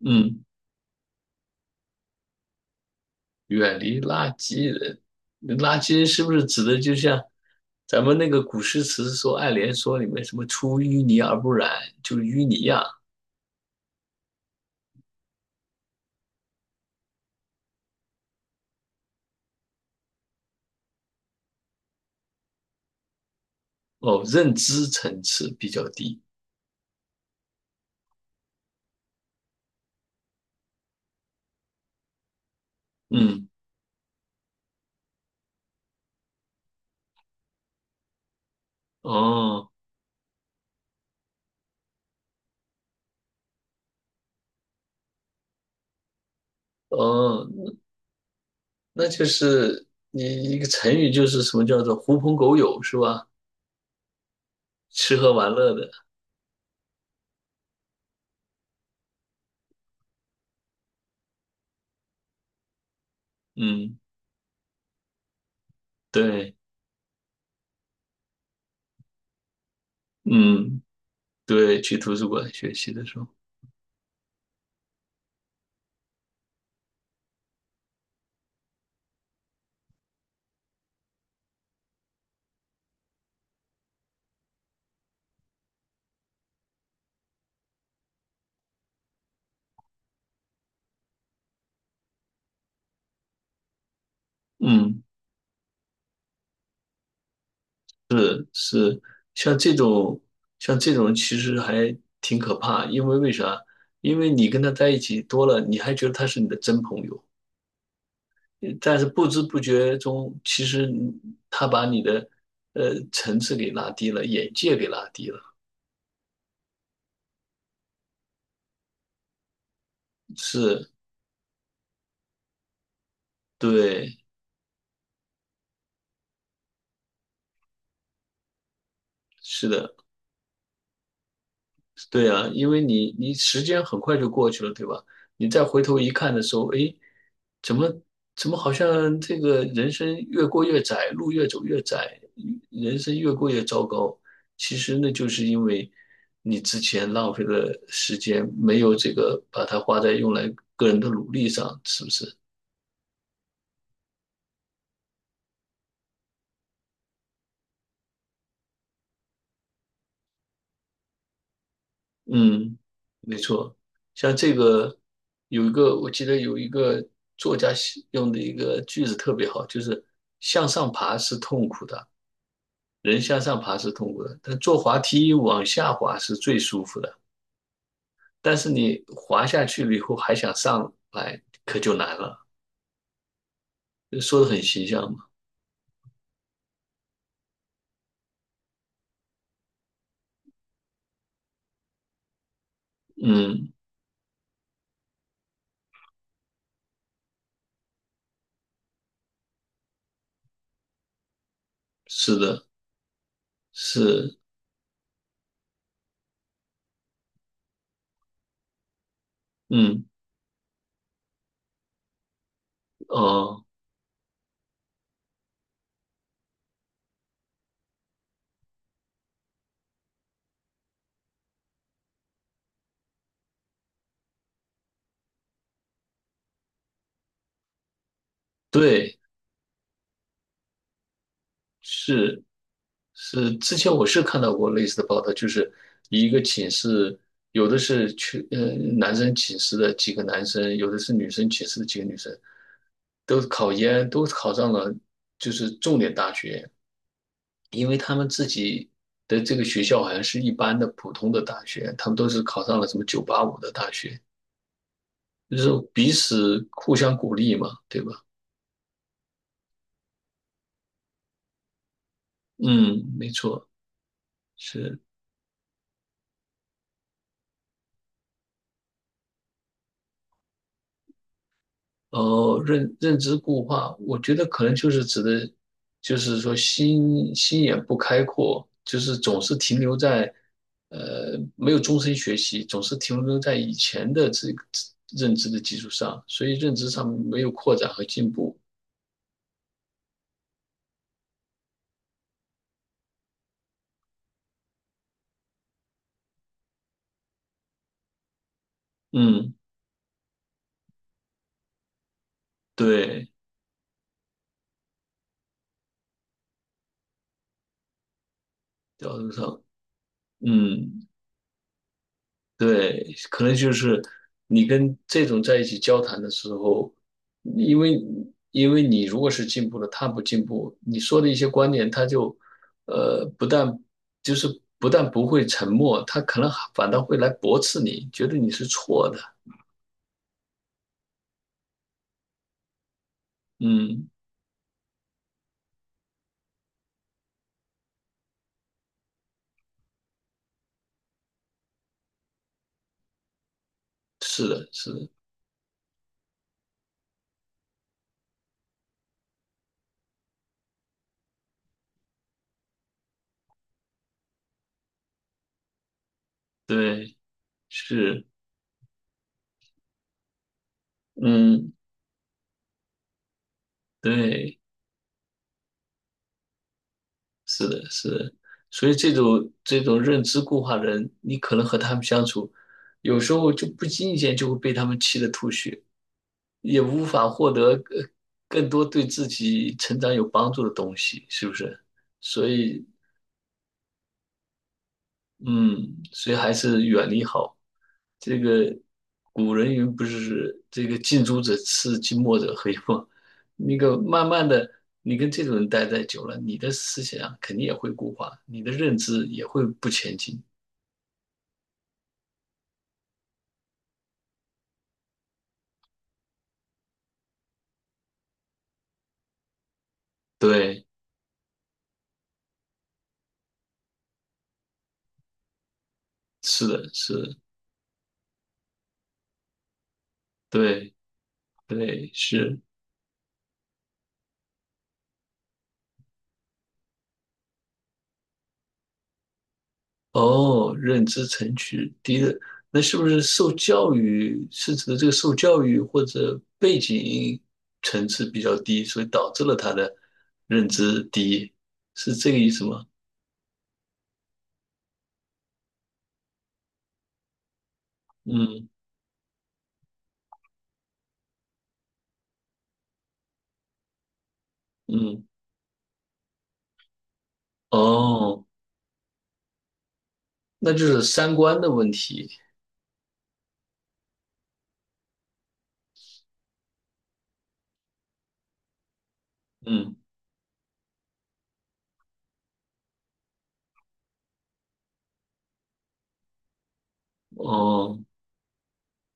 嗯，远离垃圾人，垃圾人是不是指的就像咱们那个古诗词说《爱莲说》里面什么“出淤泥而不染”，就是淤泥呀、哦，认知层次比较低。嗯，哦哦，那就是你一个成语就是什么叫做“狐朋狗友”是吧？吃喝玩乐的。嗯，对，嗯对，去图书馆学习的时候，嗯。是像这种，像这种其实还挺可怕，因为为啥？因为你跟他在一起多了，你还觉得他是你的真朋友，但是不知不觉中，其实他把你的层次给拉低了，眼界给拉低了。是，对，是的。对啊，因为你时间很快就过去了，对吧？你再回头一看的时候，诶，怎么怎么好像这个人生越过越窄，路越走越窄，人生越过越糟糕。其实那就是因为你之前浪费了时间，没有这个把它花在用来个人的努力上，是不是？嗯，没错，像这个有一个，我记得有一个作家写用的一个句子特别好，就是向上爬是痛苦的，人向上爬是痛苦的，但坐滑梯往下滑是最舒服的。但是你滑下去了以后还想上来，可就难了。说的很形象嘛。嗯，是的，是，嗯，哦，对。是是，之前我是看到过类似的报道，就是一个寝室，有的是去男生寝室的几个男生，有的是女生寝室的几个女生，都考研都考上了，就是重点大学，因为他们自己的这个学校好像是一般的普通的大学，他们都是考上了什么985的大学，就是彼此互相鼓励嘛，对吧？嗯，没错，是。认知固化我觉得可能就是指的，就是说心眼不开阔，就是总是停留在，呃，没有终身学习，总是停留在以前的这个认知的基础上，所以认知上没有扩展和进步。嗯，对，角度上，嗯。对，可能就是你跟这种在一起交谈的时候，因为因为你如果是进步了，他不进步，你说的一些观点，他就呃不但就是不但不会沉默，他可能还反倒会来驳斥你，觉得你是错的。嗯，是的，是的，对，是，嗯，对。是的，是的，所以这种认知固化的人，你可能和他们相处，有时候就不经意间就会被他们气得吐血，也无法获得更多对自己成长有帮助的东西，是不是？所以嗯，所以还是远离好。这个古人云不是这个近朱者赤，近墨者黑嘛？那个慢慢的，你跟这种人待在久了，你的思想啊肯定也会固化，你的认知也会不前进。对，是的，是的，对，对，是。哦，认知层级低的，那是不是受教育是指的这个受教育或者背景层次比较低，所以导致了他的认知低，是这个意思吗？嗯嗯，哦，那就是三观的问题。嗯哦，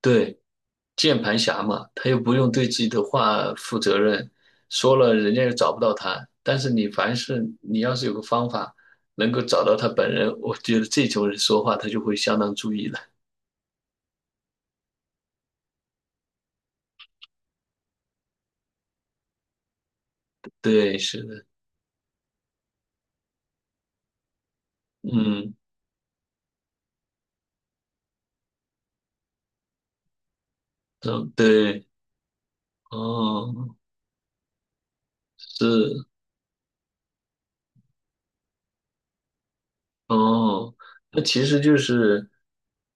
对。键盘侠嘛，他又不用对自己的话负责任，说了人家又找不到他。但是你凡是你要是有个方法能够找到他本人，我觉得这种人说话他就会相当注意了。对，是的，嗯，嗯，对，哦，是，哦，那其实就是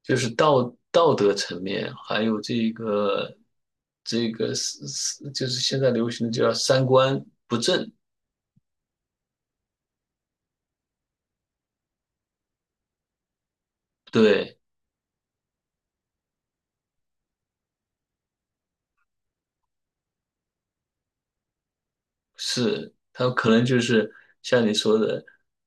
就是道德层面，还有这个这个就是现在流行的叫三观不正，对。是，他可能就是像你说的，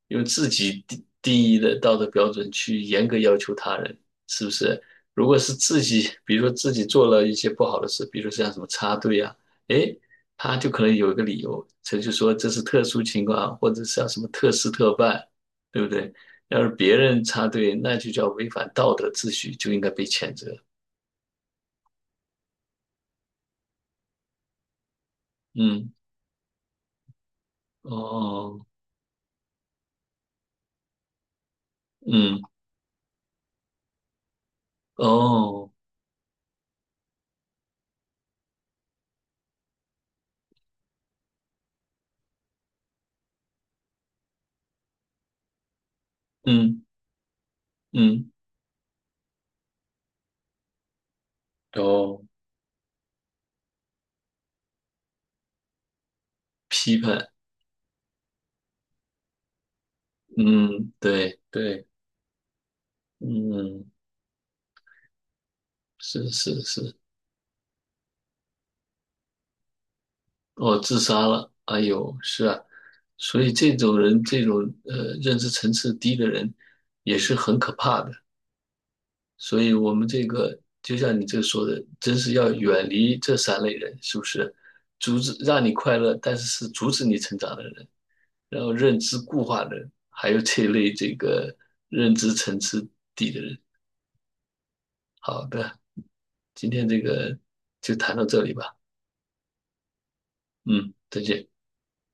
用自己定义的道德标准去严格要求他人，是不是？如果是自己，比如说自己做了一些不好的事，比如说像什么插队啊，诶，他就可能有一个理由，他就说这是特殊情况，或者像什么特事特办，对不对？要是别人插队，那就叫违反道德秩序，就应该被谴责。嗯，哦，嗯，哦，嗯，嗯，哦，批判。嗯，对对，嗯，是是是，哦，自杀了，哎呦，是啊，所以这种人，认知层次低的人，也是很可怕的。所以我们这个，就像你这说的，真是要远离这三类人，是不是？阻止让你快乐，但是是阻止你成长的人，然后认知固化的人，还有这类这个认知层次低的人。好的，今天这个就谈到这里吧。嗯，再见。